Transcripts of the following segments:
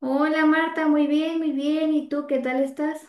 Hola Marta, muy bien, muy bien. ¿Y tú qué tal estás?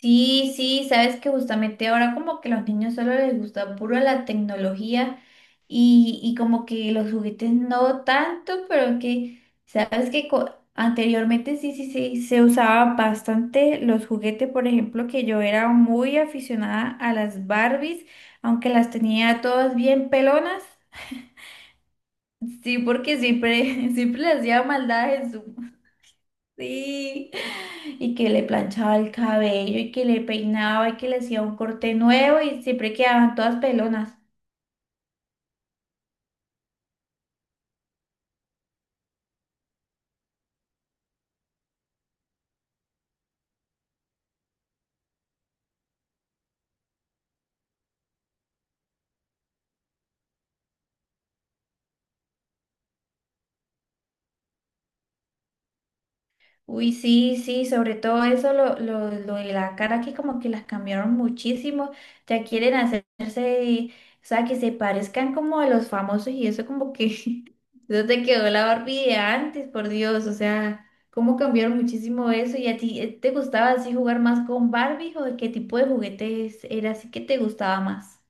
Sí, sí, sabes que justamente ahora como que los niños solo les gusta puro la tecnología y como que los juguetes no tanto, pero que sabes que anteriormente sí, sí, sí, se usaba bastante los juguetes, por ejemplo, que yo era muy aficionada a las Barbies, aunque las tenía todas bien pelonas, sí, porque siempre, siempre le hacía maldades. Sí, y que le planchaba el cabello y que le peinaba y que le hacía un corte nuevo y siempre quedaban todas pelonas. Uy, sí, sí, sobre todo eso, lo de la cara que como que las cambiaron muchísimo, ya quieren hacerse, o sea, que se parezcan como a los famosos y eso como que, eso te quedó la Barbie de antes, por Dios, o sea, cómo cambiaron muchísimo eso. Y a ti, ¿te gustaba así jugar más con Barbie o qué tipo de juguetes era así que te gustaba más?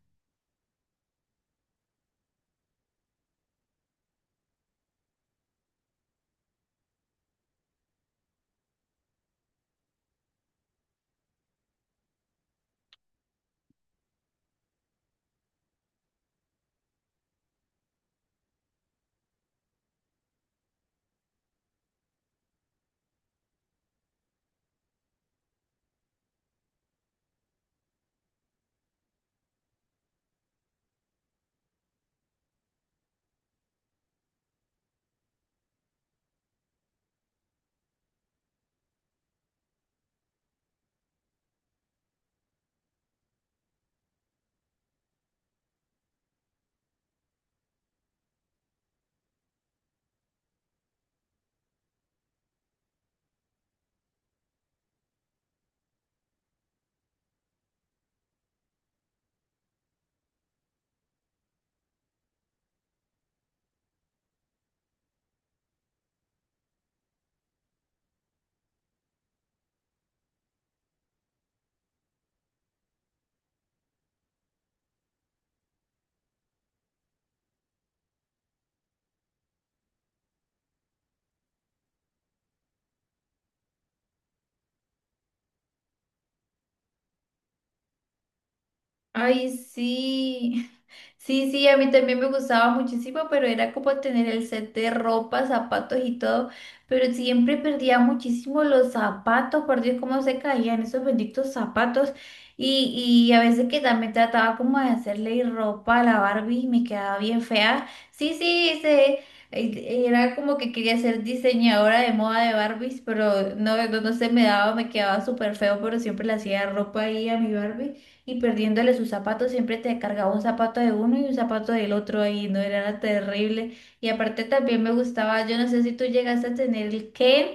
Ay, sí. Sí, sí, a mí también me gustaba muchísimo, pero era como tener el set de ropa, zapatos y todo, pero siempre perdía muchísimo los zapatos, por Dios, cómo se caían esos benditos zapatos. Y a veces que también trataba como de hacerle ropa a la Barbie y me quedaba bien fea. Sí, sí, se, era como que quería ser diseñadora de moda de Barbies, pero no, no, no se me daba, me quedaba súper feo, pero siempre le hacía ropa ahí a mi Barbie. Y perdiéndole sus zapatos, siempre te cargaba un zapato de uno y un zapato del otro ahí, no era terrible. Y aparte también me gustaba, yo no sé si tú llegaste a tener el Ken,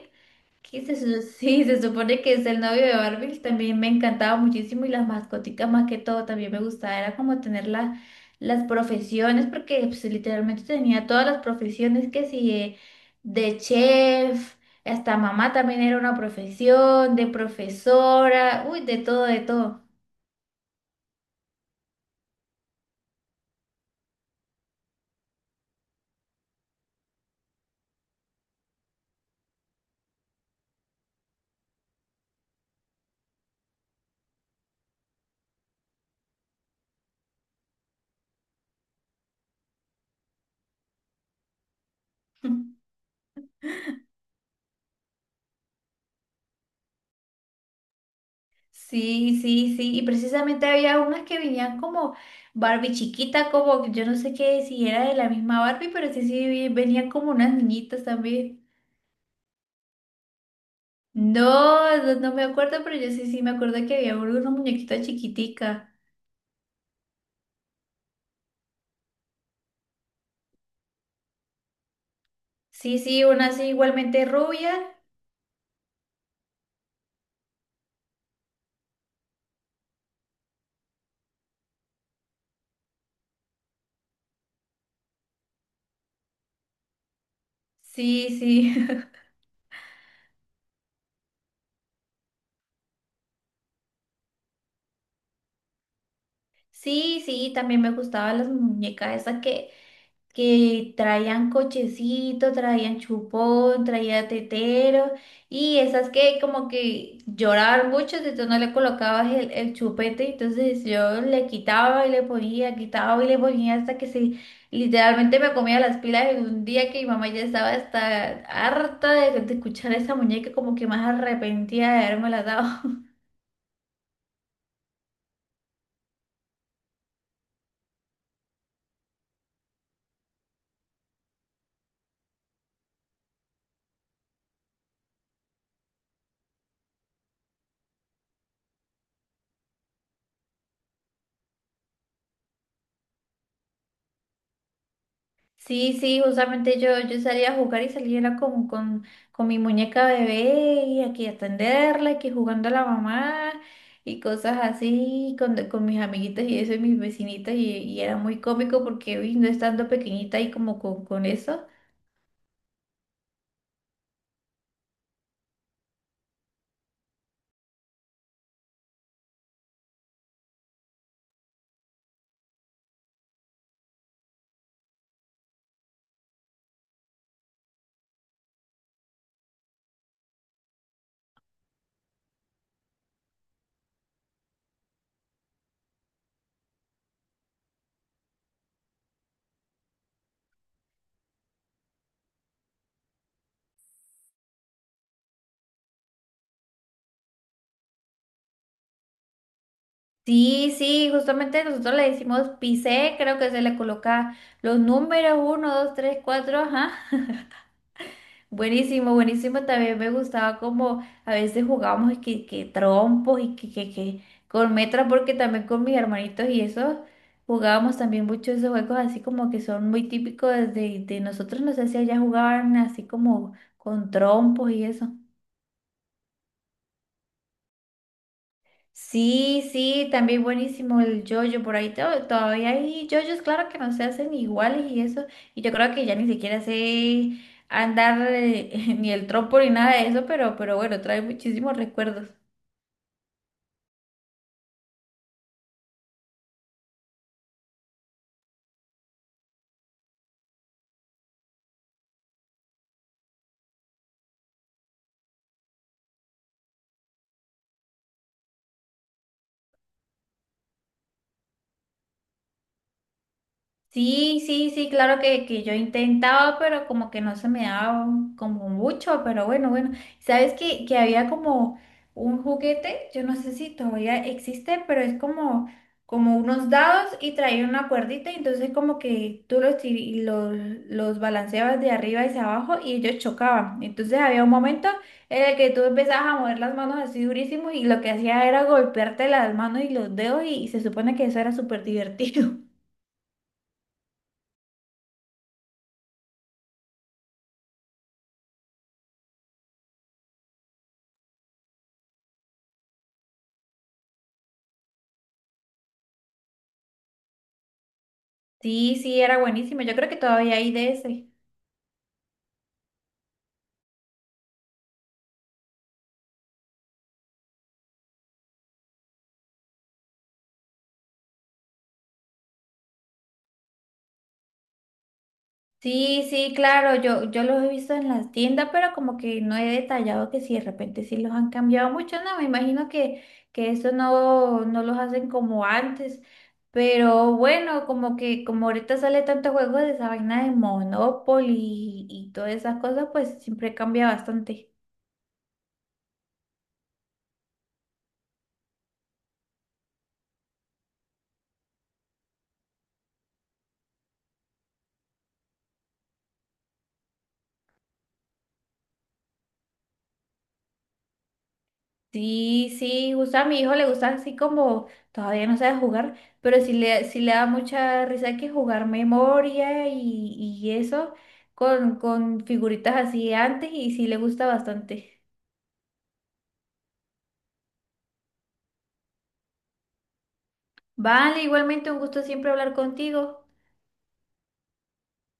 que se, sí, se supone que es el novio de Barbie, también me encantaba muchísimo y las mascoticas más que todo también me gustaba, era como tener las profesiones, porque pues, literalmente tenía todas las profesiones que si de chef. Hasta mamá también era una profesión, de profesora, uy, de todo, de todo. Sí, sí, sí. Y precisamente había unas que venían como Barbie chiquita, como que yo no sé qué si era de la misma Barbie, pero sí, sí, venían como unas niñitas también. No, no, no me acuerdo, pero yo sí, sí me acuerdo que había una muñequita chiquitica. Sí, sí, una así igualmente rubia. Sí, sí. Sí, sí, también me gustaban las muñecas esas que traían cochecito, traían chupón, traía tetero y esas que como que lloraban mucho, entonces no le colocabas el chupete, entonces yo le quitaba y le ponía, quitaba y le ponía hasta que se literalmente me comía las pilas en un día que mi mamá ya estaba hasta harta de escuchar a esa muñeca como que más arrepentida de haberme la dado. Sí, sí, justamente yo salía a jugar y salía era como con mi muñeca bebé y aquí atenderla, aquí jugando a la mamá y cosas así con mis amiguitas y eso y mis vecinitas y era muy cómico porque uy, no estando pequeñita y como con eso. Sí, sí, justamente nosotros le decimos pisé, creo que se le coloca los números uno, dos, tres, cuatro, ajá. Buenísimo, buenísimo. También me gustaba como a veces jugábamos que trompos y que con metras, porque también con mis hermanitos y eso jugábamos también mucho esos juegos así como que son muy típicos de nosotros. No sé si allá jugaban así como con trompos y eso. Sí, sí, también buenísimo el yoyo. Por ahí todavía hay yoyos, claro que no se hacen iguales y eso. Y yo creo que ya ni siquiera sé andar ni el trompo ni nada de eso, pero bueno, trae muchísimos recuerdos. Sí, sí, sí, claro que yo intentaba, pero como que no se me daba como mucho, pero bueno, bueno. ¿Sabes que había como un juguete? Yo no sé si todavía existe, pero es como, como unos dados y traía una cuerdita, y entonces como que tú los, los balanceabas de arriba hacia abajo y ellos chocaban. Entonces había un momento en el que tú empezabas a mover las manos así durísimo y lo que hacía era golpearte las manos y los dedos y se supone que eso era súper divertido. Sí, sí, era buenísimo. Yo creo que todavía hay de ese. Sí, sí, claro, yo los he visto en las tiendas, pero como que no he detallado que si de repente sí los han cambiado mucho, no, me imagino que eso no, no los hacen como antes. Pero bueno, como que como ahorita sale tanto juego de esa vaina de Monopoly y todas esas cosas, pues siempre cambia bastante. Sí, sí, justo a mi hijo le gusta así como todavía no sabe jugar, pero sí le da mucha risa que jugar memoria y eso con figuritas así antes y sí le gusta bastante. Vale, igualmente un gusto siempre hablar contigo.